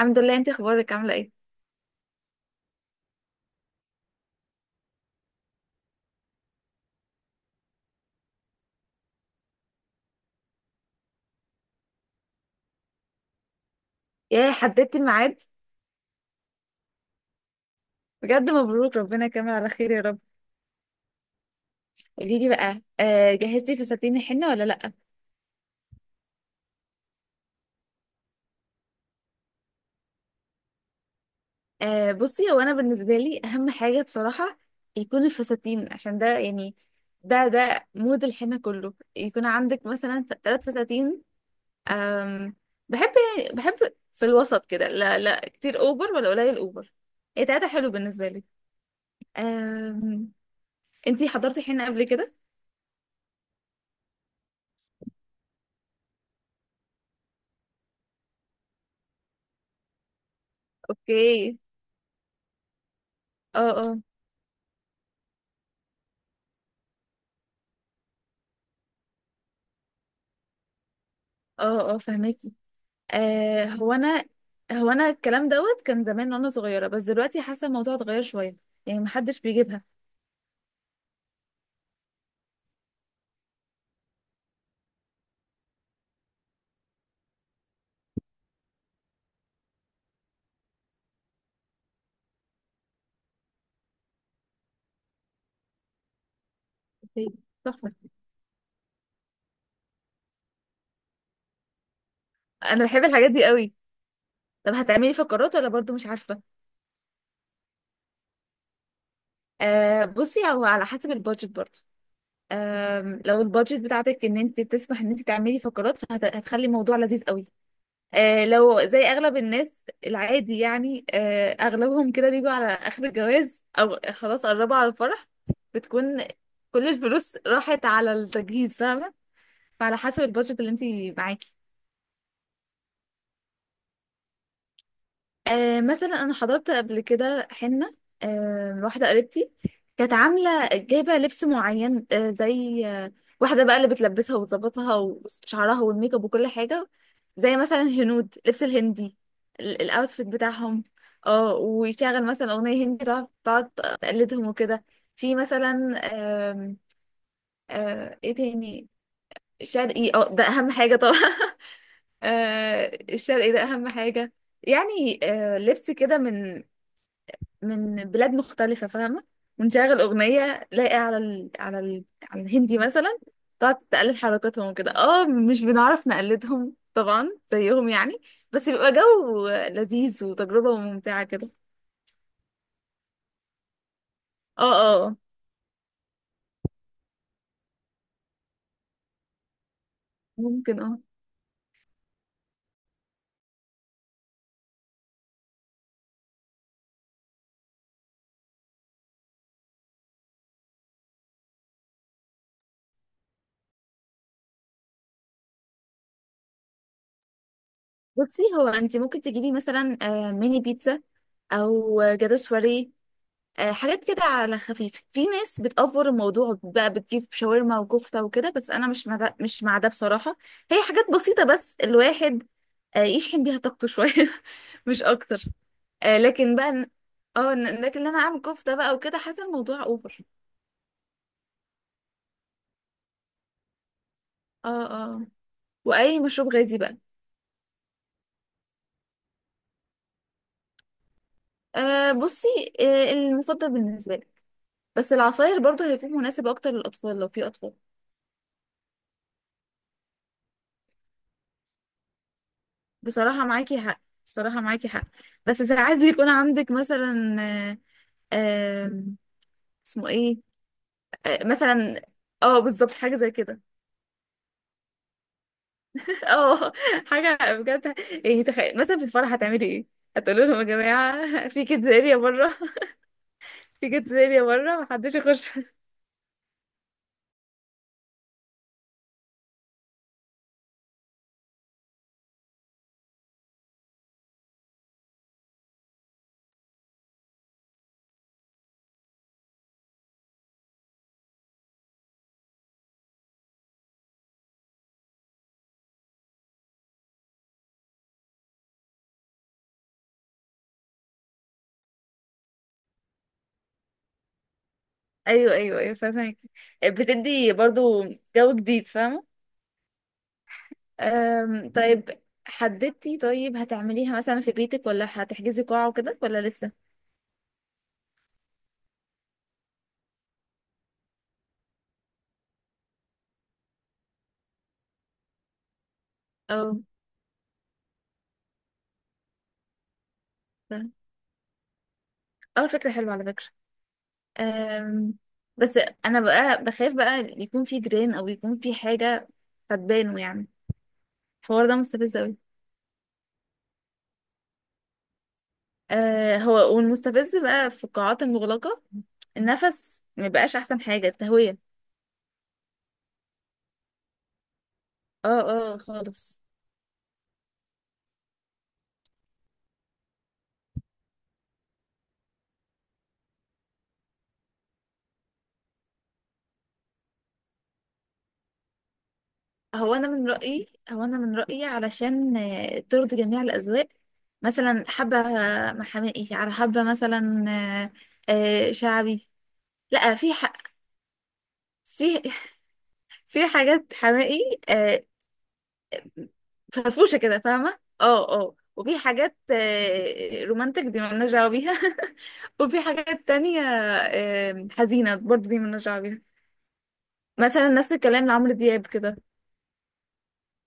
الحمد لله، انت اخبارك عامله ايه؟ يا حددتي الميعاد؟ بجد مبروك، ربنا يكمل على خير يا رب. قولي لي بقى، جهزتي فساتين الحنه ولا لا؟ بصي، هو انا بالنسبه لي اهم حاجه بصراحه يكون الفساتين، عشان ده يعني ده مود الحنه كله، يكون عندك مثلا 3 فساتين. آم بحب بحب في الوسط كده، لا لا كتير اوفر ولا قليل اوفر. ايه، 3 حلو بالنسبه لي. آم انتي حضرتي حنه قبل كده؟ اوكي. اه اه. اه اه، فهماكي. آه هو انا هو انا الكلام دوت كان زمان وانا صغيره، بس دلوقتي حاسه الموضوع اتغير شويه. يعني محدش بيجيبها. أوكي، تحفه. انا بحب الحاجات دي قوي. طب هتعملي فقرات ولا برضو مش عارفه؟ بصي، هو على حسب البادجت برضو. آه لو البادجت بتاعتك ان انت تسمح ان انت تعملي فقرات، فهتخلي الموضوع لذيذ قوي. لو زي اغلب الناس العادي، يعني اغلبهم كده بيجوا على اخر الجواز او خلاص قربوا على الفرح، بتكون كل الفلوس راحت على التجهيز، فاهمه؟ فعلى حسب البادجت اللي انت معاكي. مثلا انا حضرت قبل كده حنه، واحده قريبتي كانت عامله جايبه لبس معين، زي واحده بقى اللي بتلبسها وتظبطها وشعرها والميك اب وكل حاجه، زي مثلا هنود لبس الهندي، الاوتفيت بتاعهم. اه، ويشغل مثلا اغنيه هندي، تقعد تقلدهم وكده. في مثلا، آم، ايه تاني؟ شرقي، اه ده اهم حاجه طبعا. الشرقي ده اهم حاجه. يعني لبس كده من بلاد مختلفة، فاهمة؟ ونشغل أغنية لاقي على الهندي مثلا، تقعد تقلد حركاتهم وكده. اه مش بنعرف نقلدهم طبعا زيهم، يعني بس بيبقى جو لذيذ وتجربة ممتعة كده. اه اه. ممكن، بصي، هو انت ممكن تجيبي مثلا ميني بيتزا او جاتو سواريه. حاجات كده على خفيف. في ناس بتأفور الموضوع بقى، بتجيب شاورما وكفتة وكده، بس أنا مش مع ده مش مع ده بصراحة. هي حاجات بسيطة، بس الواحد يشحن بيها طاقته شوية، مش أكتر. آه، لكن بقى إن- اه إن- لكن إن أنا أعمل كفتة بقى وكده، حاسة الموضوع أوفر. اه اه. وأي مشروب غازي بقى. بصي، المفضل بالنسبة لك. بس العصاير برضو هيكون مناسب أكتر للأطفال لو في أطفال. بصراحة معاكي حق، بصراحة معاكي حق. بس ساعات بيكون عندك مثلا آم، اسمه ايه؟ مثلا، اه بالظبط حاجه زي كده. اه حاجه بجد، يعني تخيل مثلا في الفرح هتعملي ايه؟ هتقولوا لهم يا جماعه، في كيدز اريا بره. في كيدز اريا بره، محدش يخش. ايوه ايوه ايوه، فاهمك. بتدي برضو جو جديد، فاهمه؟ طيب، حددتي؟ طيب، هتعمليها مثلا في بيتك ولا هتحجزي قاعه وكده، ولا لسه؟ اه، فاهم. اه فكره حلوه على فكره. أم، بس انا بقى بخاف بقى يكون في جيران او يكون في حاجه فتبانه يعني. الحوار ده مستفز قوي. أه، هو والمستفز بقى في القاعات المغلقه، النفس ما بقاش احسن حاجه التهويه. اه اه خالص. هو انا من رايي، علشان ترضي جميع الاذواق، مثلا حبه محامي، على حبه مثلا شعبي. لا، في في حاجات حماقي. أه، فرفوشه كده، فاهمه؟ اه اه. وفي حاجات رومانتك، دي مالناش دعوه بيها. وفي حاجات تانية حزينه برضو، دي مالناش دعوه بيها. مثلا نفس الكلام لعمرو دياب كده.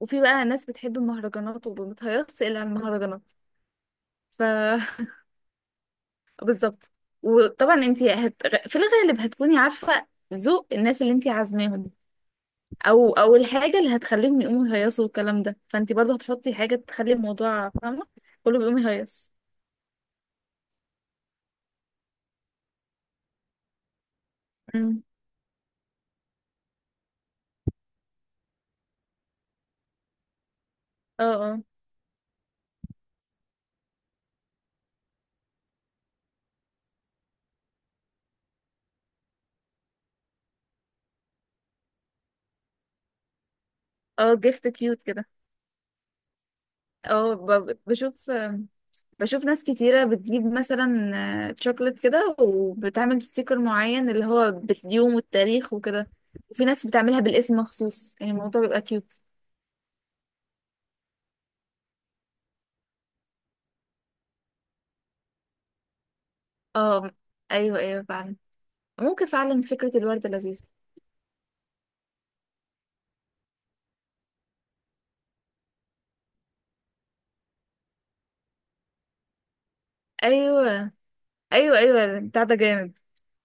وفي بقى ناس بتحب المهرجانات، ومتهيص الا على المهرجانات. ف بالظبط. وطبعا انت في الغالب هتكوني عارفه ذوق الناس اللي انت عازماهم، او الحاجه اللي هتخليهم يقوموا يهيصوا والكلام ده، فانت برضو هتحطي حاجه تخلي الموضوع، فاهمه؟ كله بيقوم يهيص. اه اه، اه جيفت كيوت كده. اه، بشوف، بشوف ناس كتيرة بتجيب مثلا شوكولات كده وبتعمل ستيكر معين، اللي هو باليوم والتاريخ وكده. وفي ناس بتعملها بالاسم مخصوص، يعني الموضوع بيبقى كيوت. اه ايوه ايوه فعلا، ممكن فعلا فكرة الوردة لذيذة. ايوه ايوه ايوه، بتاع ده جامد،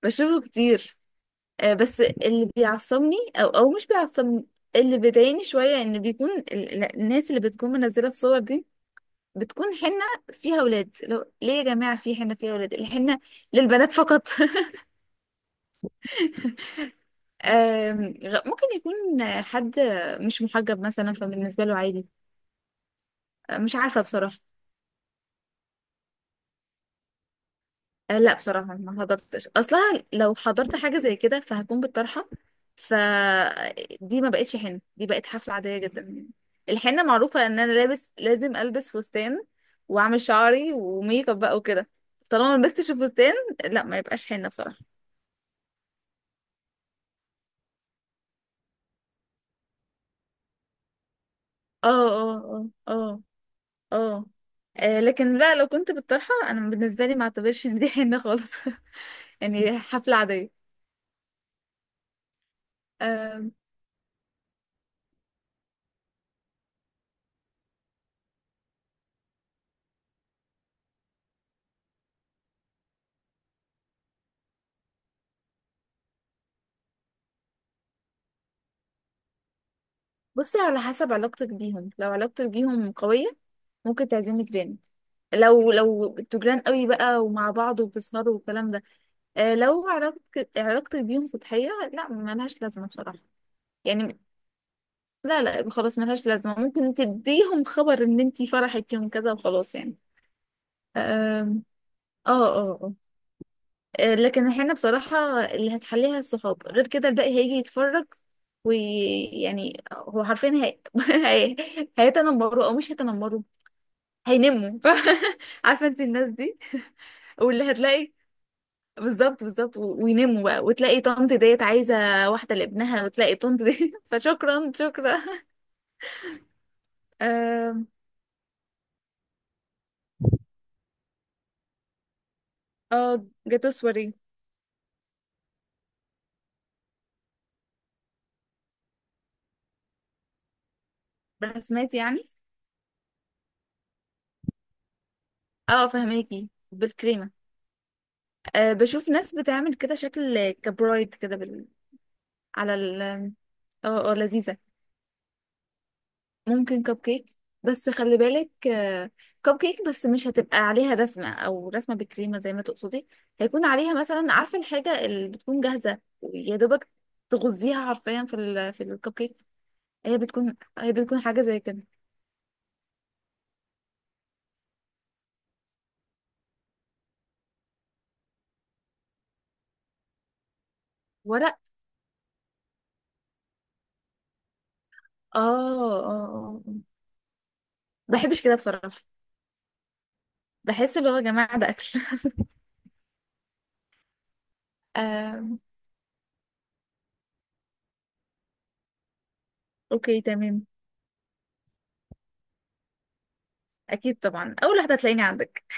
بشوفه كتير. بس اللي بيعصبني، او او مش بيعصبني، اللي بيضايقني شوية، ان بيكون الناس اللي بتكون منزلة الصور دي، بتكون حنة فيها ولاد. لو ليه يا جماعة في حنة فيها ولاد؟ الحنة للبنات فقط. ممكن يكون حد مش محجب مثلا، فبالنسبة له عادي. مش عارفة بصراحة. لا بصراحة، ما حضرتش أصلها. لو حضرت حاجة زي كده فهكون بالطرحة، فدي ما بقتش حنة، دي بقت حفلة عادية جدا. الحنة معروفة إن أنا لابس، لازم ألبس فستان وأعمل شعري وميك اب بقى وكده. طالما ما لبستش الفستان، لا ما يبقاش حنة بصراحة. اه اه. اه اه اه. لكن بقى، لو كنت بالطرحة انا بالنسبة لي ما اعتبرش ان دي حنة خالص، يعني حفلة عادية. آم، بصي، على حسب علاقتك بيهم. لو علاقتك بيهم قوية ممكن تعزمي جيران، لو انتوا جيران قوي بقى ومع بعض وبتسهروا والكلام ده. لو علاقتك بيهم سطحية، لا، ملهاش لازمة بصراحة. يعني لا لا، خلاص ملهاش لازمة. ممكن تديهم خبر ان انتي فرحت يوم كذا وخلاص يعني. آم، اه اه، آه. لكن احنا بصراحة اللي هتحليها الصحاب، غير كده الباقي هيجي يتفرج، ويعني هو حرفيا، هي... هيتنمروا او مش هيتنمروا، هينموا عارفة انت الناس دي، واللي هتلاقي، بالظبط بالظبط، وينموا بقى، وتلاقي طنط ديت عايزة واحدة لابنها، وتلاقي طنط دي فشكرا شكرا. اه، جاتو سواري برسمات يعني؟ اه فهماكي، بالكريمة. بشوف ناس بتعمل كده شكل كبرايد كده، على ال اه اه، لذيذة. ممكن كب كيك، بس خلي بالك كب كيك بس مش هتبقى عليها رسمة أو رسمة بكريمة زي ما تقصدي، هيكون عليها مثلا، عارفة الحاجة اللي بتكون جاهزة يا دوبك تغزيها حرفيا في الكب كيك. هي بتكون حاجة زي كده، ورق. اه اه، آه. بحبش كده بصراحة، بحس اللي هو يا جماعة ده أكل. آه. أوكي تمام. أكيد طبعا، أول واحدة هتلاقيني عندك.